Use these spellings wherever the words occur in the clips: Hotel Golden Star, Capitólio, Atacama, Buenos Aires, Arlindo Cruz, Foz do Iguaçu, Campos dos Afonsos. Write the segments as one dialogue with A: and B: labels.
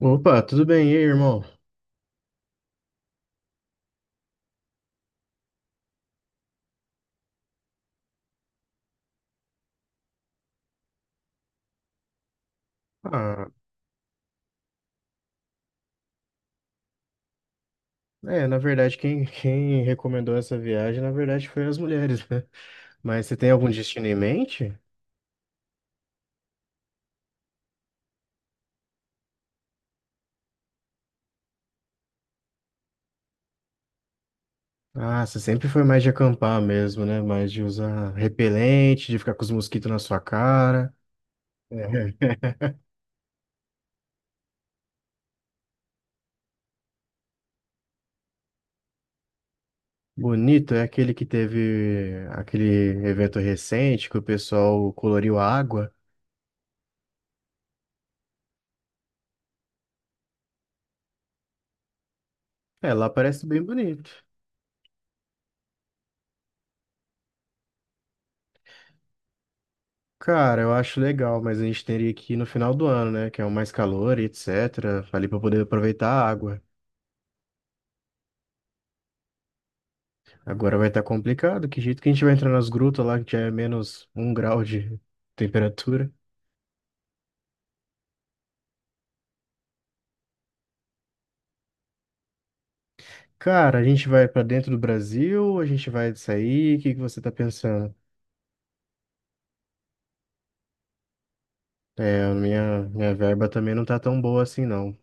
A: Opa, tudo bem? E aí, irmão? Ah, é, na verdade, quem recomendou essa viagem, na verdade, foi as mulheres, né? Mas você tem algum destino em mente? Ah, você sempre foi mais de acampar mesmo, né? Mais de usar repelente, de ficar com os mosquitos na sua cara. É. Bonito é aquele que teve aquele evento recente que o pessoal coloriu a água. É, lá parece bem bonito. Cara, eu acho legal, mas a gente teria que ir no final do ano, né? Que é o mais calor e etc. Ali para poder aproveitar a água. Agora vai estar complicado. Que jeito que a gente vai entrar nas grutas lá que já é menos um grau de temperatura? Cara, a gente vai para dentro do Brasil, a gente vai sair. O que que você tá pensando? É, a minha verba também não tá tão boa assim, não.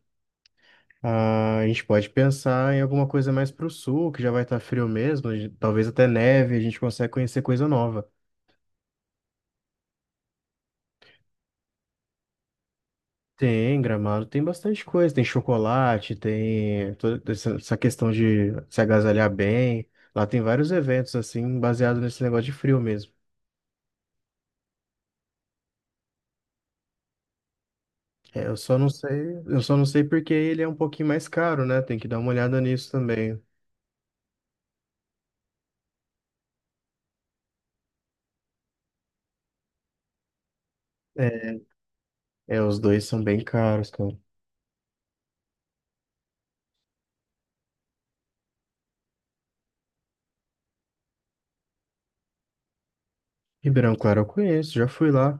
A: Ah, a gente pode pensar em alguma coisa mais pro sul, que já vai estar frio mesmo. Talvez até neve, a gente consegue conhecer coisa nova. Tem Gramado, tem bastante coisa. Tem chocolate, tem toda essa questão de se agasalhar bem. Lá tem vários eventos, assim, baseado nesse negócio de frio mesmo. É, eu só não sei, eu só não sei porque ele é um pouquinho mais caro, né? Tem que dar uma olhada nisso também. É, é, os dois são bem caros, cara. Ribeirão Claro eu conheço, já fui lá.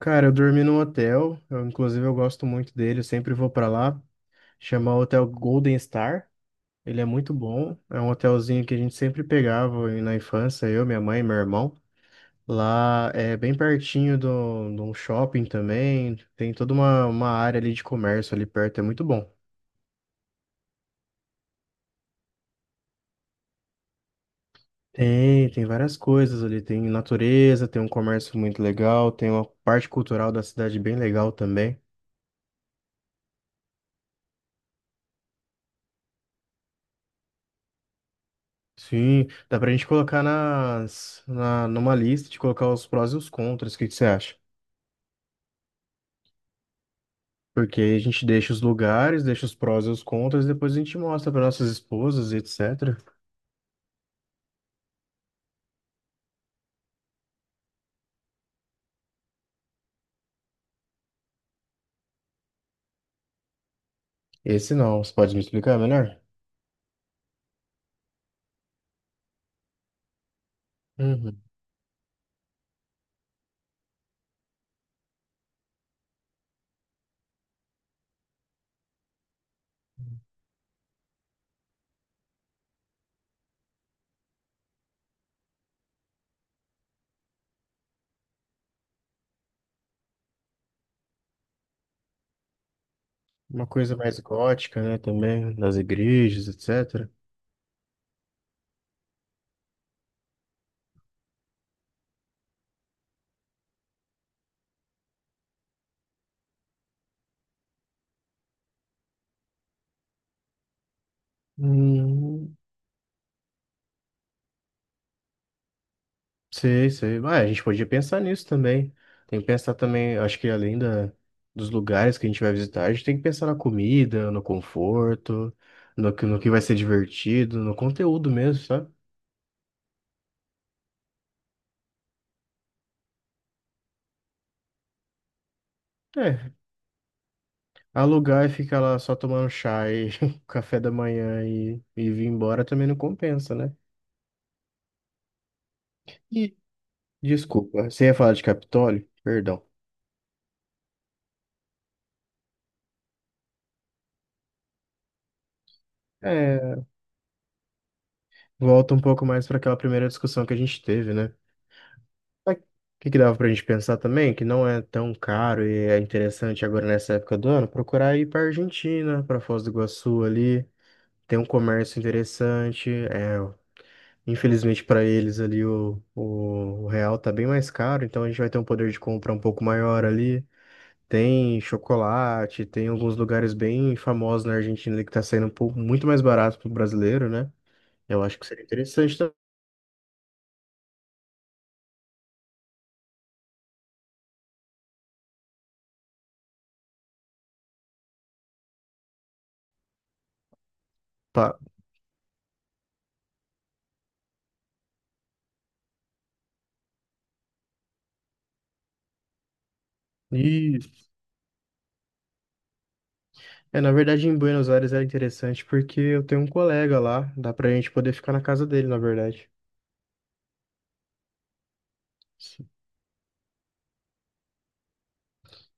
A: Cara, eu dormi num hotel, eu, inclusive eu gosto muito dele, eu sempre vou pra lá. Chama Hotel Golden Star. Ele é muito bom. É um hotelzinho que a gente sempre pegava na infância, eu, minha mãe e meu irmão. Lá é bem pertinho de um shopping também. Tem toda uma área ali de comércio ali perto, é muito bom. Tem, tem várias coisas ali. Tem natureza, tem um comércio muito legal, tem uma parte cultural da cidade bem legal também. Sim, dá pra gente colocar numa lista de colocar os prós e os contras. O que que você acha? Porque aí a gente deixa os lugares, deixa os prós e os contras, depois a gente mostra para nossas esposas e etc. Esse não, você pode me explicar melhor? Uhum. Uma coisa mais gótica, né, também, das igrejas, etc. Hum, Sei, sei. Ah, a gente podia pensar nisso também. Tem que pensar também, acho que além dos lugares que a gente vai visitar, a gente tem que pensar na comida, no conforto, no que vai ser divertido, no conteúdo mesmo, sabe? É. Alugar e ficar lá só tomando chá e café da manhã e vir embora também não compensa, né? E, desculpa, você ia falar de Capitólio? Perdão. É, volta um pouco mais para aquela primeira discussão que a gente teve, né? Mas o que que dava pra gente pensar também, que não é tão caro e é interessante agora nessa época do ano, procurar ir pra Argentina, pra Foz do Iguaçu ali. Tem um comércio interessante, é, infelizmente para eles ali o real tá bem mais caro, então a gente vai ter um poder de compra um pouco maior ali. Tem chocolate, tem alguns lugares bem famosos na Argentina ali que tá saindo um pouco muito mais barato pro brasileiro, né? Eu acho que seria interessante. Tá. E é, na verdade em Buenos Aires era interessante porque eu tenho um colega lá, dá pra gente poder ficar na casa dele, na verdade.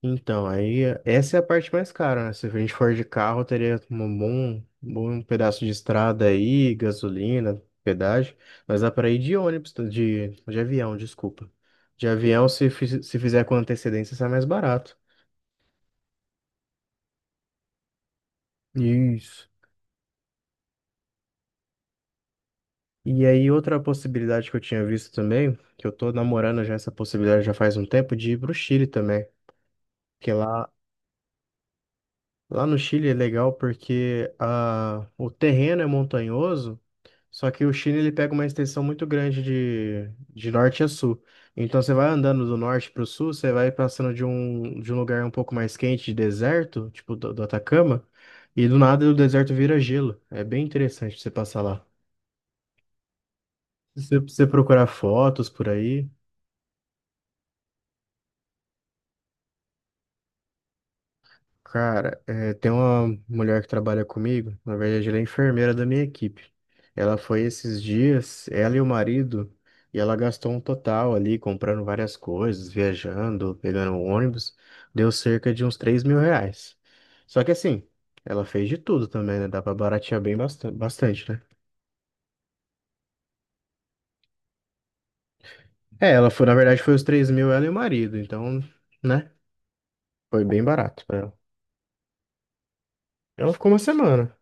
A: Então, aí essa é a parte mais cara, né? Se a gente for de carro, teria um bom, bom pedaço de estrada aí, gasolina, pedágio, mas dá para ir de ônibus, tá? De avião, desculpa. De avião, se fizer com antecedência, sai mais barato. Isso. E aí, outra possibilidade que eu tinha visto também, que eu tô namorando já essa possibilidade já faz um tempo, de ir pro Chile também. Porque lá, lá no Chile é legal porque a, o terreno é montanhoso. Só que o Chile ele pega uma extensão muito grande de norte a sul. Então você vai andando do norte para o sul, você vai passando de um lugar um pouco mais quente, de deserto, tipo do Atacama, e do nada o deserto vira gelo. É bem interessante você passar lá. Se você procurar fotos por aí. Cara, tem uma mulher que trabalha comigo, na verdade ela é enfermeira da minha equipe. Ela foi esses dias, ela e o marido, e ela gastou um total ali, comprando várias coisas, viajando, pegando um ônibus, deu cerca de uns R$ 3.000. Só que assim, ela fez de tudo também, né? Dá pra baratear bem bastante, bastante, né? É, ela foi, na verdade foi os 3.000 ela e o marido, então, né? Foi bem barato pra ela. Ela ficou uma semana.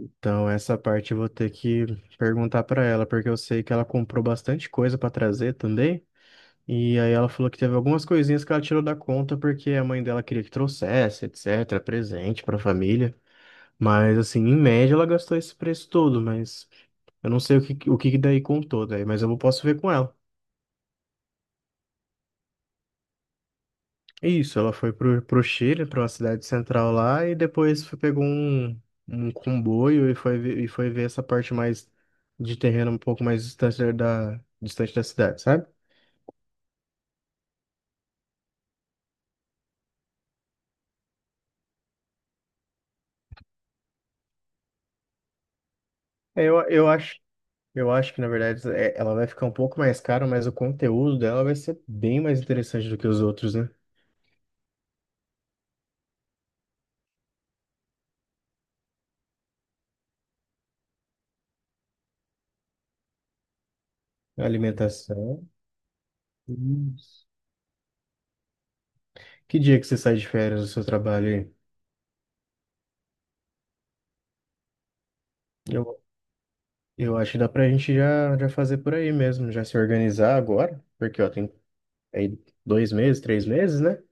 A: Então, essa parte eu vou ter que perguntar pra ela, porque eu sei que ela comprou bastante coisa pra trazer também. E aí ela falou que teve algumas coisinhas que ela tirou da conta porque a mãe dela queria que trouxesse, etc, presente pra família. Mas assim, em média ela gastou esse preço todo, mas eu não sei o que que daí contou daí, mas eu posso ver com ela. Isso, ela foi pro Chile, para uma cidade central lá, e depois pegou um, um comboio e foi, e foi ver essa parte mais de terreno um pouco mais distante distante da cidade, sabe? É, eu acho que, na verdade, ela vai ficar um pouco mais cara, mas o conteúdo dela vai ser bem mais interessante do que os outros, né? A alimentação. Isso. Que dia que você sai de férias do seu trabalho aí? Eu, eu acho que dá pra gente já fazer por aí mesmo, já se organizar agora, porque ó, tem aí dois meses, três meses, né?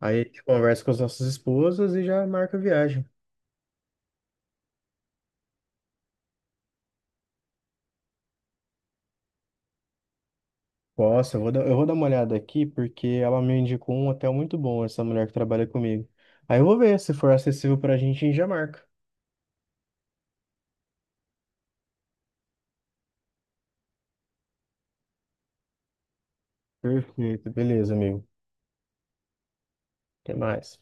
A: Aí a gente conversa com as nossas esposas e já marca a viagem. Posso. Eu vou dar uma olhada aqui porque ela me indicou um hotel muito bom, essa mulher que trabalha comigo. Aí eu vou ver, se for acessível pra gente, a gente já marca. Perfeito, beleza, amigo. Até mais.